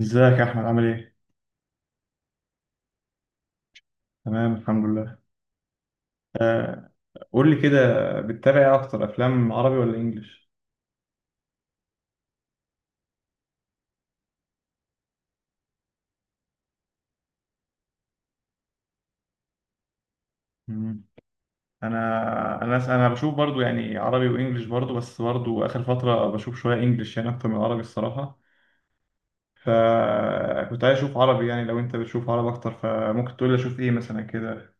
ازيك يا احمد، عامل ايه؟ تمام، الحمد لله. آه. قول لي كده. بتتابع ايه اكتر، افلام عربي ولا انجليش؟ مم. انا انا بشوف برضو يعني عربي وانجليش برضو، بس برضو اخر فتره بشوف شويه انجليش يعني اكتر من عربي الصراحه. فكنت عايز اشوف عربي، يعني لو انت بتشوف عربي اكتر فممكن تقول لي اشوف ايه مثلا كده.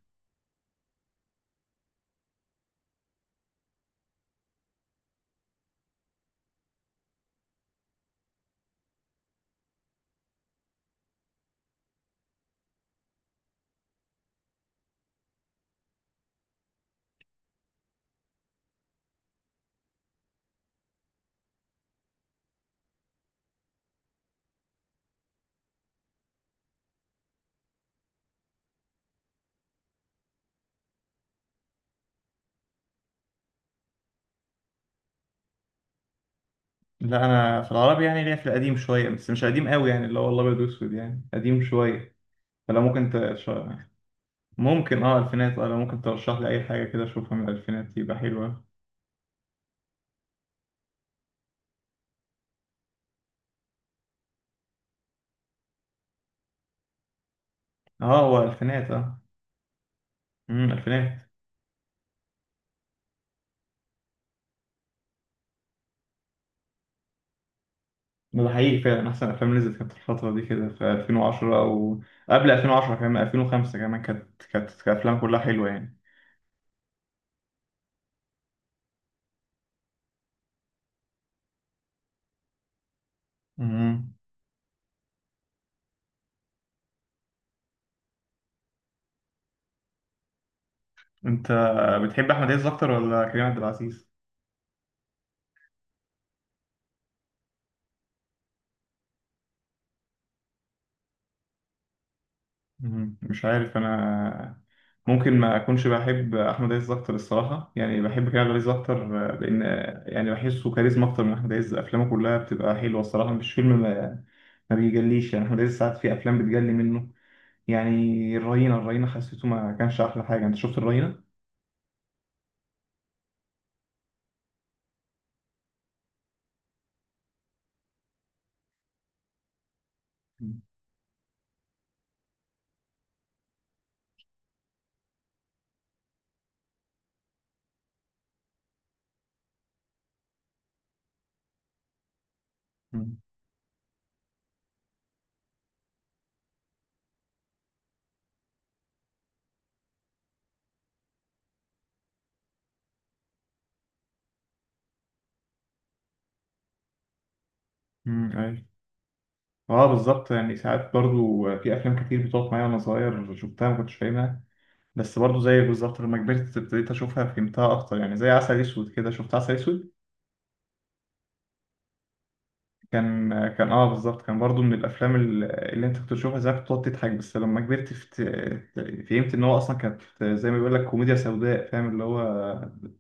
لا، انا في العربي يعني ليا في القديم شويه، بس مش قديم قوي، يعني اللي هو الابيض واسود، يعني قديم شويه. فلو ممكن انت ممكن الفينات، لو ممكن ترشح لي اي حاجه كده اشوفها من الالفينات يبقى حلوه. اه، هو الفينات الفينات. ده حقيقي فعلا احسن افلام نزلت كانت في الفتره دي كده، في 2010 وقبل 2010 كمان، 2005 كمان كانت افلام كلها حلوه يعني. امم. انت بتحب احمد عز اكتر ولا كريم عبد العزيز؟ مش عارف، انا ممكن ما اكونش بحب احمد عز اكتر الصراحه، يعني بحب كريم عبد العزيز اكتر، لان يعني بحسه كاريزما اكتر من احمد عز، افلامه كلها بتبقى حلوه الصراحه، مش فيلم ما بيجليش يعني. احمد عز ساعات في افلام بتجلي منه يعني. الرهينه، الرهينه حسيته ما كانش احلى حاجه، انت شفت الرهينه؟ امم، ايوه. اه بالظبط، يعني ساعات برضو في افلام كتير بتقف معايا وانا صغير شفتها ما كنتش فاهمها، بس برضو زيك بالظبط لما كبرت ابتديت اشوفها فهمتها اكتر، يعني زي عسل اسود كده، شفت عسل اسود؟ كان كان اه بالظبط، كان برضو من الافلام اللي انت كنت تشوفها زمان كنت تقعد تضحك، بس لما كبرت فهمت ان هو اصلا كانت زي ما بيقول لك كوميديا سوداء، فاهم اللي هو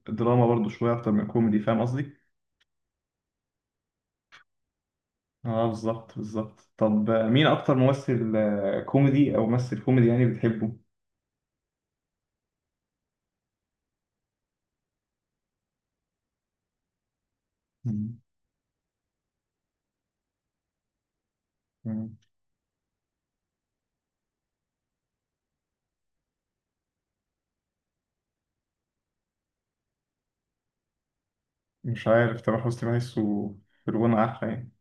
دراما برضو شويه اكتر من كوميدي، فاهم قصدي؟ اه بالظبط بالظبط. طب مين اكتر ممثل كوميدي، او ممثل كوميدي يعني بتحبه؟ مم. مم. مش عارف، تامر حسني بحسه في الغنى احلى يعني.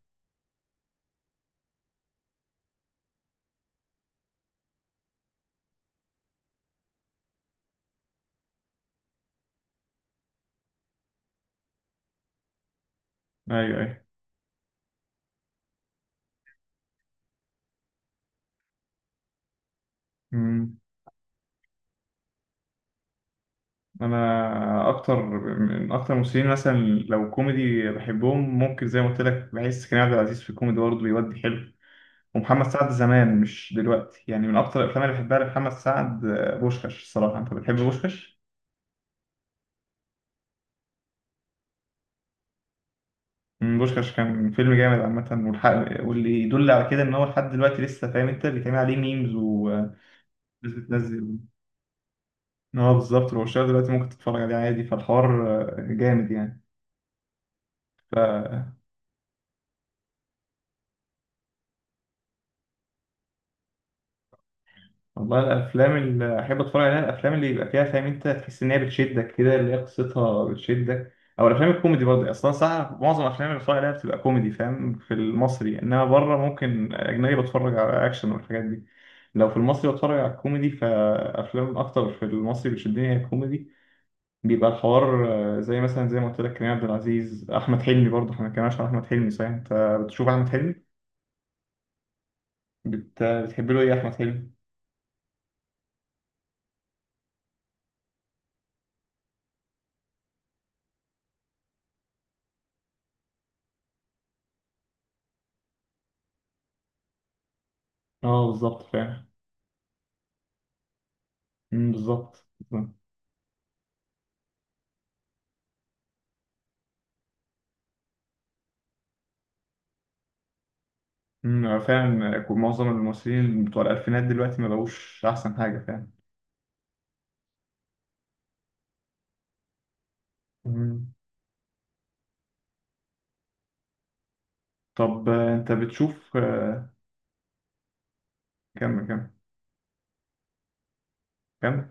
ايوه ايوه، انا اكتر من اكتر الممثلين مثلا، لو كوميدي بحبهم ممكن زي ما قلت لك، بحس كريم عبد العزيز في الكوميدي برضه بيودي حلو، ومحمد سعد زمان مش دلوقتي، يعني من اكتر الافلام اللي بحبها لمحمد سعد بوشكاش الصراحه. انت بتحب بوشكاش؟ بوشكاش كان فيلم جامد عامه والحق، واللي يدل على كده ان هو لحد دلوقتي لسه فاهم انت بيتعمل عليه ميمز وناس بتنزل، ان هو بالظبط لو شغال دلوقتي ممكن تتفرج عليه عادي، فالحوار جامد يعني. والله الافلام اللي احب اتفرج عليها الافلام اللي يبقى فيها فاهم انت، تحس ان هي بتشدك كده اللي هي قصتها بتشدك، او الافلام الكوميدي برضه. اصلا صح، معظم الافلام اللي بتفرج عليها بتبقى كوميدي فاهم في المصري، انما بره ممكن اجنبي بتفرج على اكشن والحاجات دي، لو في المصري بتفرج على الكوميدي، فافلام اكتر في المصري بتشدني هي الكوميدي، بيبقى الحوار زي مثلا زي ما قلت لك كريم عبد العزيز، احمد حلمي برضه، احنا ما اتكلمناش عن احمد حلمي صحيح، انت بتشوف احمد حلمي؟ بتحب له ايه احمد حلمي؟ اه بالظبط فاهم. أمم، بالظبط. فعلا معظم الممثلين بتوع الألفينات دلوقتي ما بقوش أحسن حاجة فعلا. مم. طب أنت بتشوف كم كم كم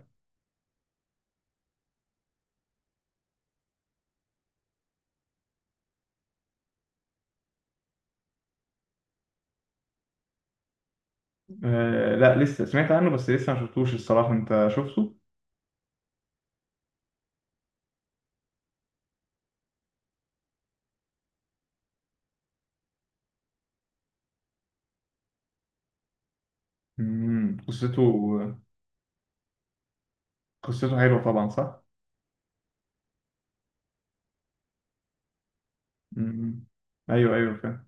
آه، لا، لسه سمعت عنه بس لسه ما شفتوش الصراحة، أنت شفته؟ أمم، قصته قصته حلوة طبعا صح؟ أمم. أيوه أيوه فعلا.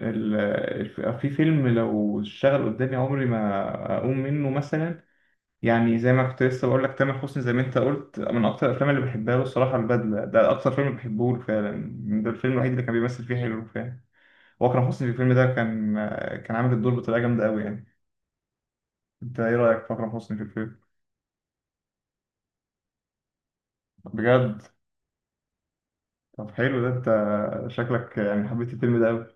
ال- في فيلم لو اشتغل قدامي عمري ما أقوم منه مثلا، يعني زي ما كنت لسه بقول لك تامر حسني، زي ما انت قلت من اكتر الافلام اللي بحبها له الصراحه البدله، ده اكتر فيلم بحبه له فعلا، ده الفيلم الوحيد اللي كان بيمثل فيه حلو فعلا. واكرم حسني في الفيلم ده كان عامل الدور بطريقه جامده قوي يعني. انت ايه رايك في اكرم حسني في الفيلم؟ بجد؟ طب حلو، ده انت شكلك يعني حبيت الفيلم ده قوي.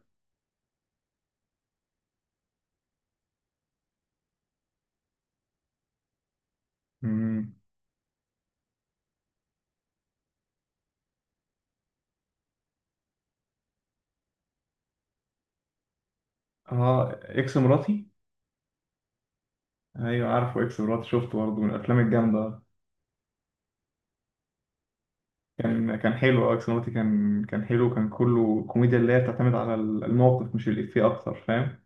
امم. اه، اكس مراتي. ايوه عارفه اكس مراتي، شفته برضه من الافلام الجامده. كان حلو، اه اكس مراتي كان حلو، كان كله كوميديا اللي هي بتعتمد على الموقف مش الافيه اكتر، فاهم.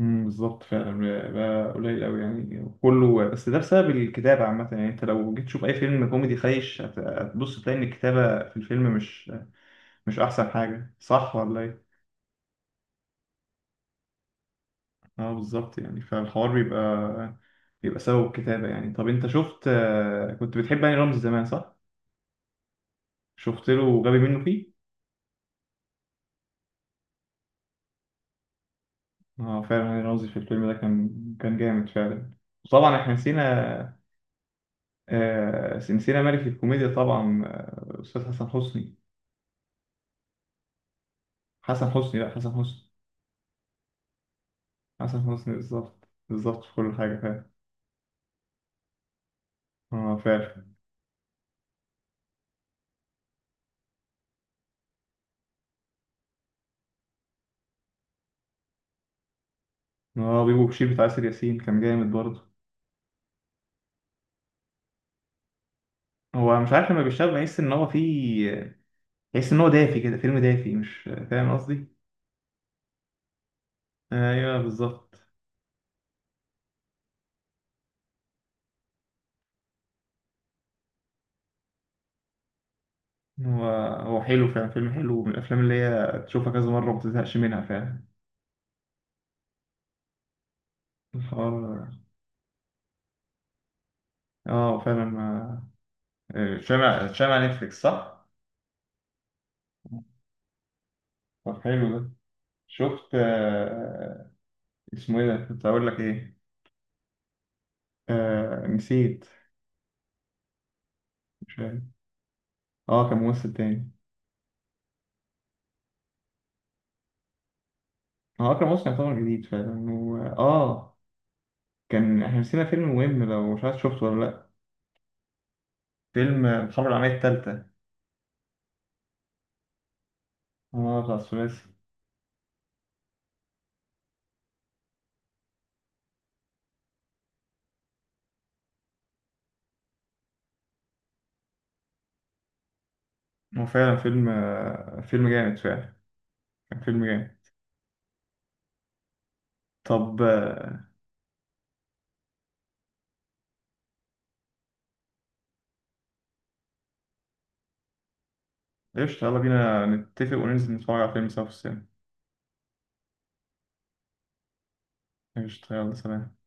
بالظبط فعلا، بقى قليل قوي يعني كله، بس ده بسبب الكتابة عامة، يعني انت لو جيت تشوف اي فيلم كوميدي خايش هتبص تلاقي ان الكتابة في الفيلم مش احسن حاجة، صح ولا ايه؟ اه بالظبط، يعني فالحوار بيبقى سبب الكتابة يعني. طب انت شفت كنت بتحب هاني رمزي زمان صح؟ شفت له غبي منه فيه؟ اه فعلا، هاني رمزي في الفيلم ده كان جامد فعلا. وطبعا احنا نسينا ملك الكوميديا طبعا، استاذ حسن حسني. حسن حسني، لا، حسن حسني. حسن حسني، بالظبط بالظبط في كل حاجة فعلا. اه فعلا. اه، بيبو بشير بتاع آسر ياسين كان جامد برضه. هو مش عارف لما بيشتغل، بحس إن هو دافي كده، فيلم دافي، مش فاهم قصدي؟ أيوه بالظبط. هو هو حلو فعلا، فيلم حلو من الأفلام اللي هي تشوفها كذا مرة وما تزهقش منها فعلا. الحوار اه فعلا، ما شامع نتفليكس صح؟ طب حلو ده. شفت اسمه ايه ده، كنت هقول لك ايه، نسيت. مش عارف. اه كان ممثل تاني. هو أكرم حسني يعتبر جديد فعلا، و كان احنا نسينا فيلم مهم، لو مش عارف شفته ولا لأ، فيلم الحرب العالمية التالتة. اه، بتاع الثلاثي. هو فعلا فيلم جامد فعلا، كان فيلم جامد. طب قشطة، يلا بينا نتفق وننزل نتفرج على فيلم سوا في السينما. قشطة، يلا سلام.